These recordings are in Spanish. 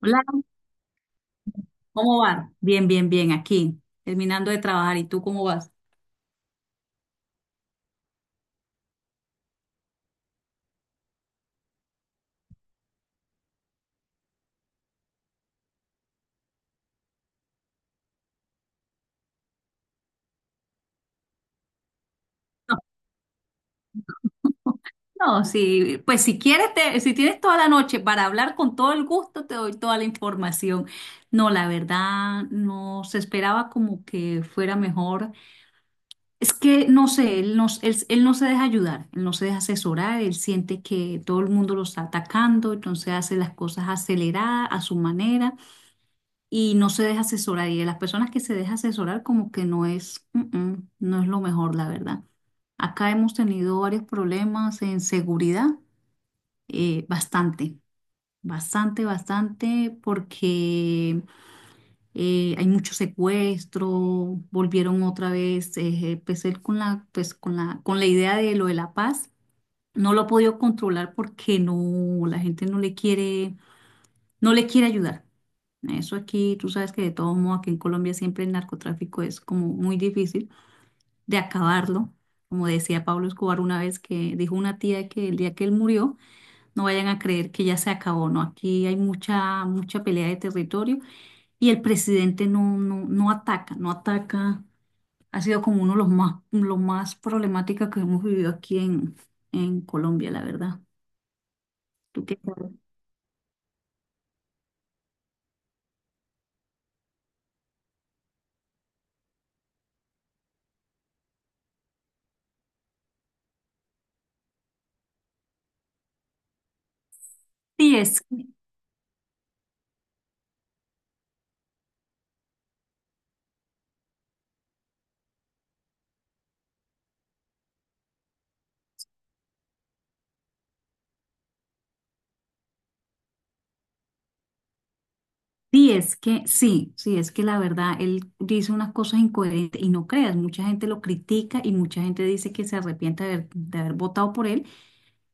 Hola, ¿cómo va? Bien, bien, bien, aquí, terminando de trabajar. ¿Y tú cómo vas? No, no, sí, pues si quieres, si tienes toda la noche para hablar con todo el gusto, te doy toda la información. No, la verdad, no se esperaba como que fuera mejor. Es que, no sé, él no se deja ayudar, él no se deja asesorar, él siente que todo el mundo lo está atacando, entonces hace las cosas aceleradas a su manera. Y no se deja asesorar. Y de las personas que se deja asesorar, como que no es lo mejor, la verdad. Acá hemos tenido varios problemas en seguridad, bastante, bastante, bastante, porque hay mucho secuestro, volvieron otra vez, empecé con la idea de lo de la paz. No lo he podido controlar porque no, la gente no le quiere no le quiere ayudar. Eso aquí, tú sabes que de todo modo aquí en Colombia siempre el narcotráfico es como muy difícil de acabarlo. Como decía Pablo Escobar una vez que dijo una tía que el día que él murió, no vayan a creer que ya se acabó, ¿no? Aquí hay mucha, mucha pelea de territorio y el presidente no ataca, no ataca. Ha sido como uno de los más, lo más problemática que hemos vivido aquí en Colombia, la verdad. ¿Tú qué sabes? Sí es. Sí, es que, sí, sí, es que la verdad, él dice unas cosas incoherentes y no creas, mucha gente lo critica y mucha gente dice que se arrepiente de haber votado por él,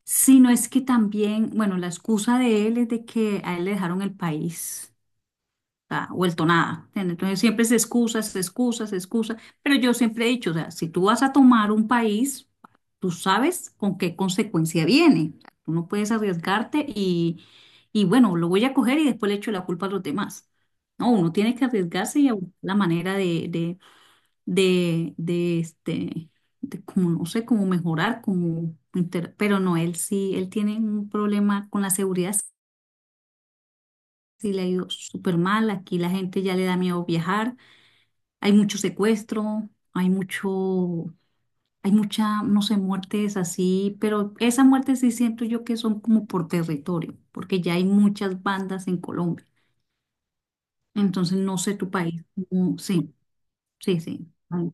sino es que también, bueno, la excusa de él es de que a él le dejaron el país sea, vuelto nada. ¿Entiendes? Entonces siempre es excusas, excusas, excusas. Pero yo siempre he dicho, o sea, si tú vas a tomar un país, tú sabes con qué consecuencia viene. O sea, tú no puedes arriesgarte y bueno, lo voy a coger y después le echo la culpa a los demás. No, uno tiene que arriesgarse y a buscar la manera este, de como, no sé, cómo mejorar, como, pero no, él sí, él tiene un problema con la seguridad, sí le ha ido súper mal, aquí la gente ya le da miedo viajar, hay mucho secuestro, hay mucho, hay mucha, no sé, muertes así, pero esas muertes sí siento yo que son como por territorio, porque ya hay muchas bandas en Colombia. Entonces, no sé tu país. Sí, sí, sí. Ay,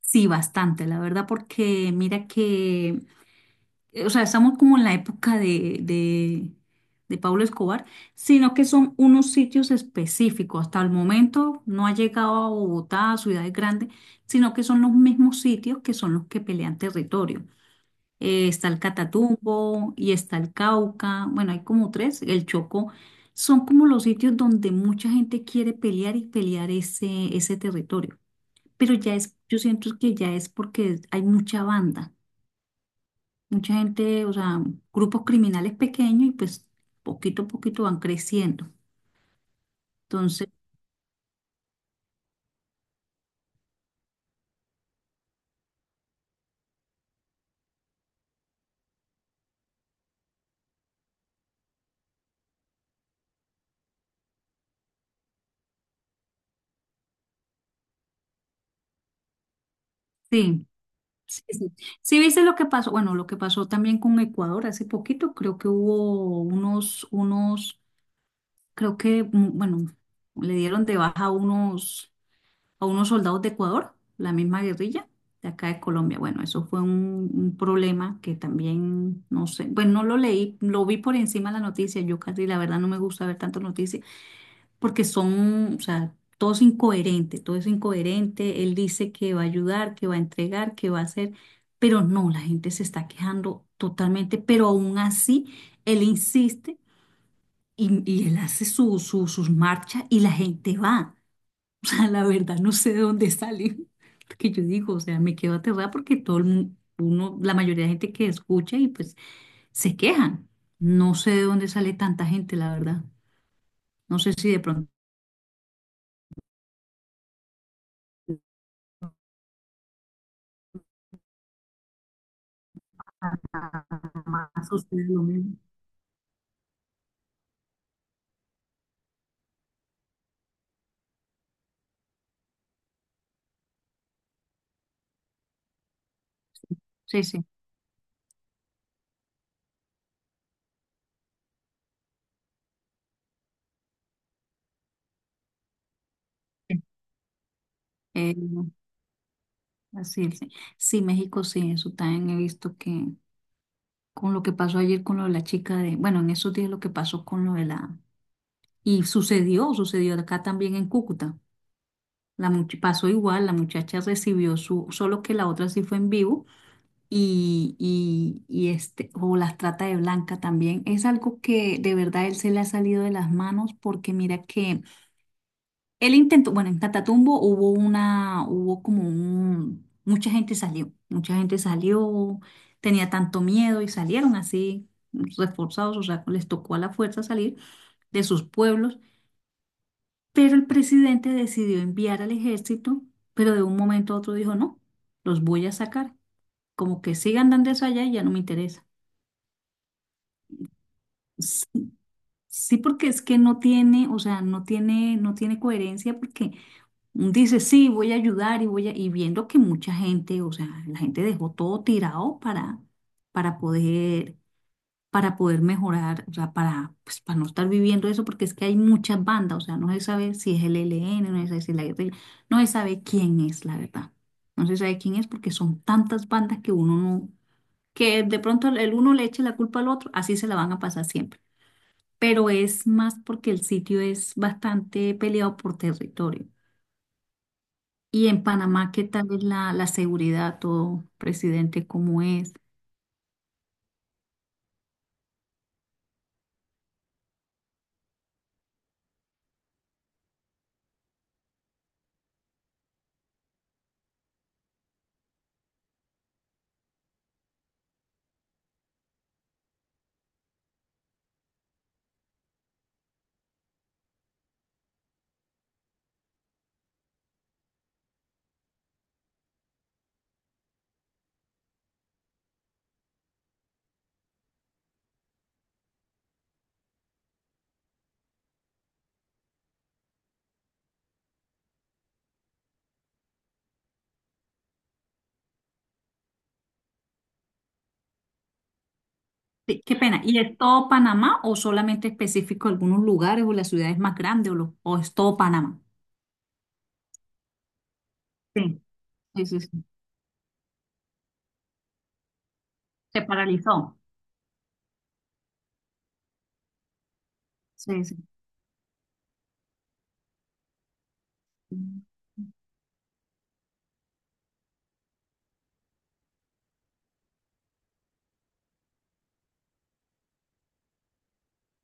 sí, bastante, la verdad, porque mira que o sea, estamos como en la época de Pablo Escobar, sino que son unos sitios específicos. Hasta el momento no ha llegado a Bogotá, a ciudades grandes, sino que son los mismos sitios que son los que pelean territorio. Está el Catatumbo y está el Cauca, bueno, hay como tres, el Chocó. Son como los sitios donde mucha gente quiere pelear y pelear ese, ese territorio. Pero ya es, yo siento que ya es porque hay mucha banda. Mucha gente, o sea, grupos criminales pequeños y pues poquito a poquito van creciendo. Entonces, sí, sí, sí. Sí, viste lo que pasó, bueno, lo que pasó también con Ecuador hace poquito, creo que hubo creo que, bueno, le dieron de baja a unos soldados de Ecuador, la misma guerrilla de acá de Colombia. Bueno, eso fue un problema que también, no sé, bueno, no lo leí, lo vi por encima de la noticia, yo casi la verdad no me gusta ver tantas noticias porque son, o sea, todo es incoherente, todo es incoherente. Él dice que va a ayudar, que va a entregar, que va a hacer, pero no, la gente se está quejando totalmente, pero aún así él insiste y él hace sus marchas y la gente va. O sea, la verdad, no sé de dónde salen. Porque yo digo, o sea, me quedo aterrada porque todo el mundo, uno, la mayoría de gente que escucha y pues se quejan. No sé de dónde sale tanta gente, la verdad. No sé si de pronto. Panamá sucede lo mismo. Sí, sí. eh, Así es. Sí, sí, México sí, eso también he visto que con lo que pasó ayer con lo de la chica de, bueno, en esos días lo que pasó con lo de la, y sucedió, sucedió acá también en Cúcuta. Pasó igual, la muchacha recibió su, solo que la otra sí fue en vivo y este, o las trata de blanca también. Es algo que de verdad él se le ha salido de las manos porque mira que él intentó, bueno, en Catatumbo hubo una, hubo como un, mucha gente salió, tenía tanto miedo y salieron así, reforzados, o sea, les tocó a la fuerza salir de sus pueblos, pero el presidente decidió enviar al ejército, pero de un momento a otro dijo, no, los voy a sacar, como que sigan dando eso allá y ya no me interesa. Sí, porque es que no tiene, o sea, no tiene, no tiene coherencia porque dice, sí, voy a ayudar y voy a, y viendo que mucha gente, o sea, la gente dejó todo tirado para poder, para poder mejorar, o sea, para, pues, para no estar viviendo eso, porque es que hay muchas bandas, o sea, no se sabe si es el ELN, no se sabe si es la guerrilla, no se sabe quién es, la verdad. No se sabe quién es porque son tantas bandas que uno no, que de pronto el uno le eche la culpa al otro, así se la van a pasar siempre pero es más porque el sitio es bastante peleado por territorio. Y en Panamá, ¿qué tal es la seguridad, todo, presidente, cómo es? Sí, qué pena. ¿Y es todo Panamá o solamente específico algunos lugares o las ciudades más grandes o es todo Panamá? Sí, sí, sí, sí. Se paralizó. Sí, sí.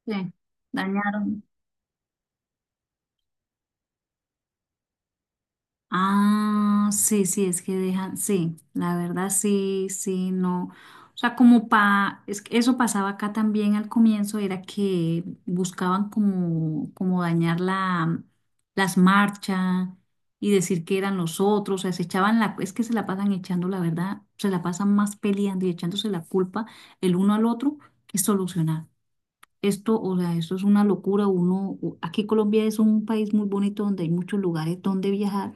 Sí, dañaron. Ah, sí, sí, es que dejan, sí, la verdad sí, sí, no. O sea, como pa, es que eso pasaba acá también al comienzo, era que buscaban como, como dañar la, las marchas y decir que eran los otros, o sea, se echaban la, es que se la pasan echando, la verdad, se la pasan más peleando y echándose la culpa el uno al otro que solucionar. Esto, o sea, esto es una locura, uno, aquí Colombia es un país muy bonito donde hay muchos lugares donde viajar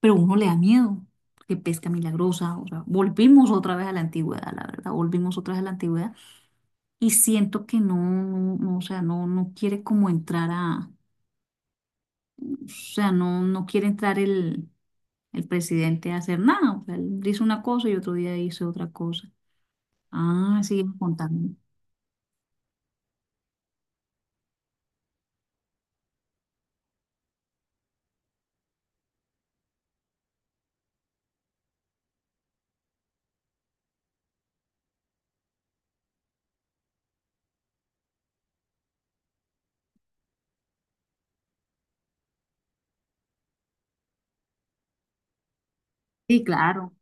pero uno le da miedo, que pesca milagrosa, o sea, volvimos otra vez a la antigüedad, la verdad, volvimos otra vez a la antigüedad y siento que no, no, no, o sea, no, no quiere como entrar a, o sea, no, no quiere entrar el presidente a hacer nada, o sea, él dice una cosa y otro día dice otra cosa. Ah, sigue contando. Sí, claro,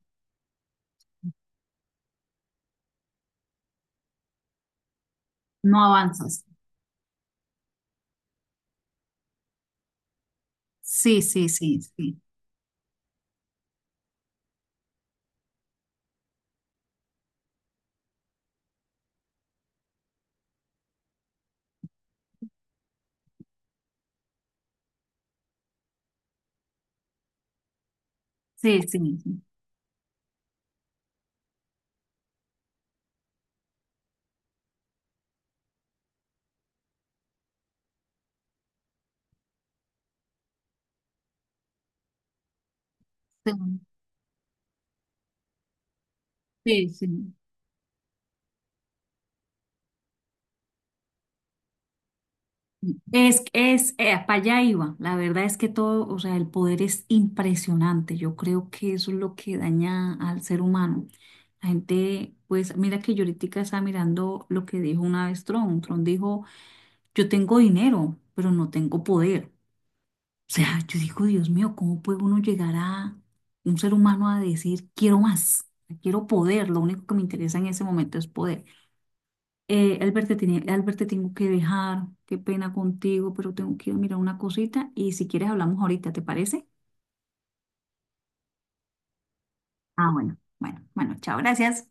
no avanzas. Sí, sí, sí, sí, sí, sí, sí, sí, sí. Es, para allá iba. La verdad es que todo, o sea, el poder es impresionante. Yo creo que eso es lo que daña al ser humano. La gente, pues, mira que yo ahorita estaba mirando lo que dijo una vez Tron. Tron dijo, yo tengo dinero, pero no tengo poder. O sea, yo digo, Dios mío, ¿cómo puede uno llegar a un ser humano a decir, quiero más, quiero poder? Lo único que me interesa en ese momento es poder. Albert, te tengo que dejar. Qué pena contigo, pero tengo que ir a mirar una cosita y si quieres hablamos ahorita, ¿te parece? Ah, bueno. Bueno, bueno, chao, gracias.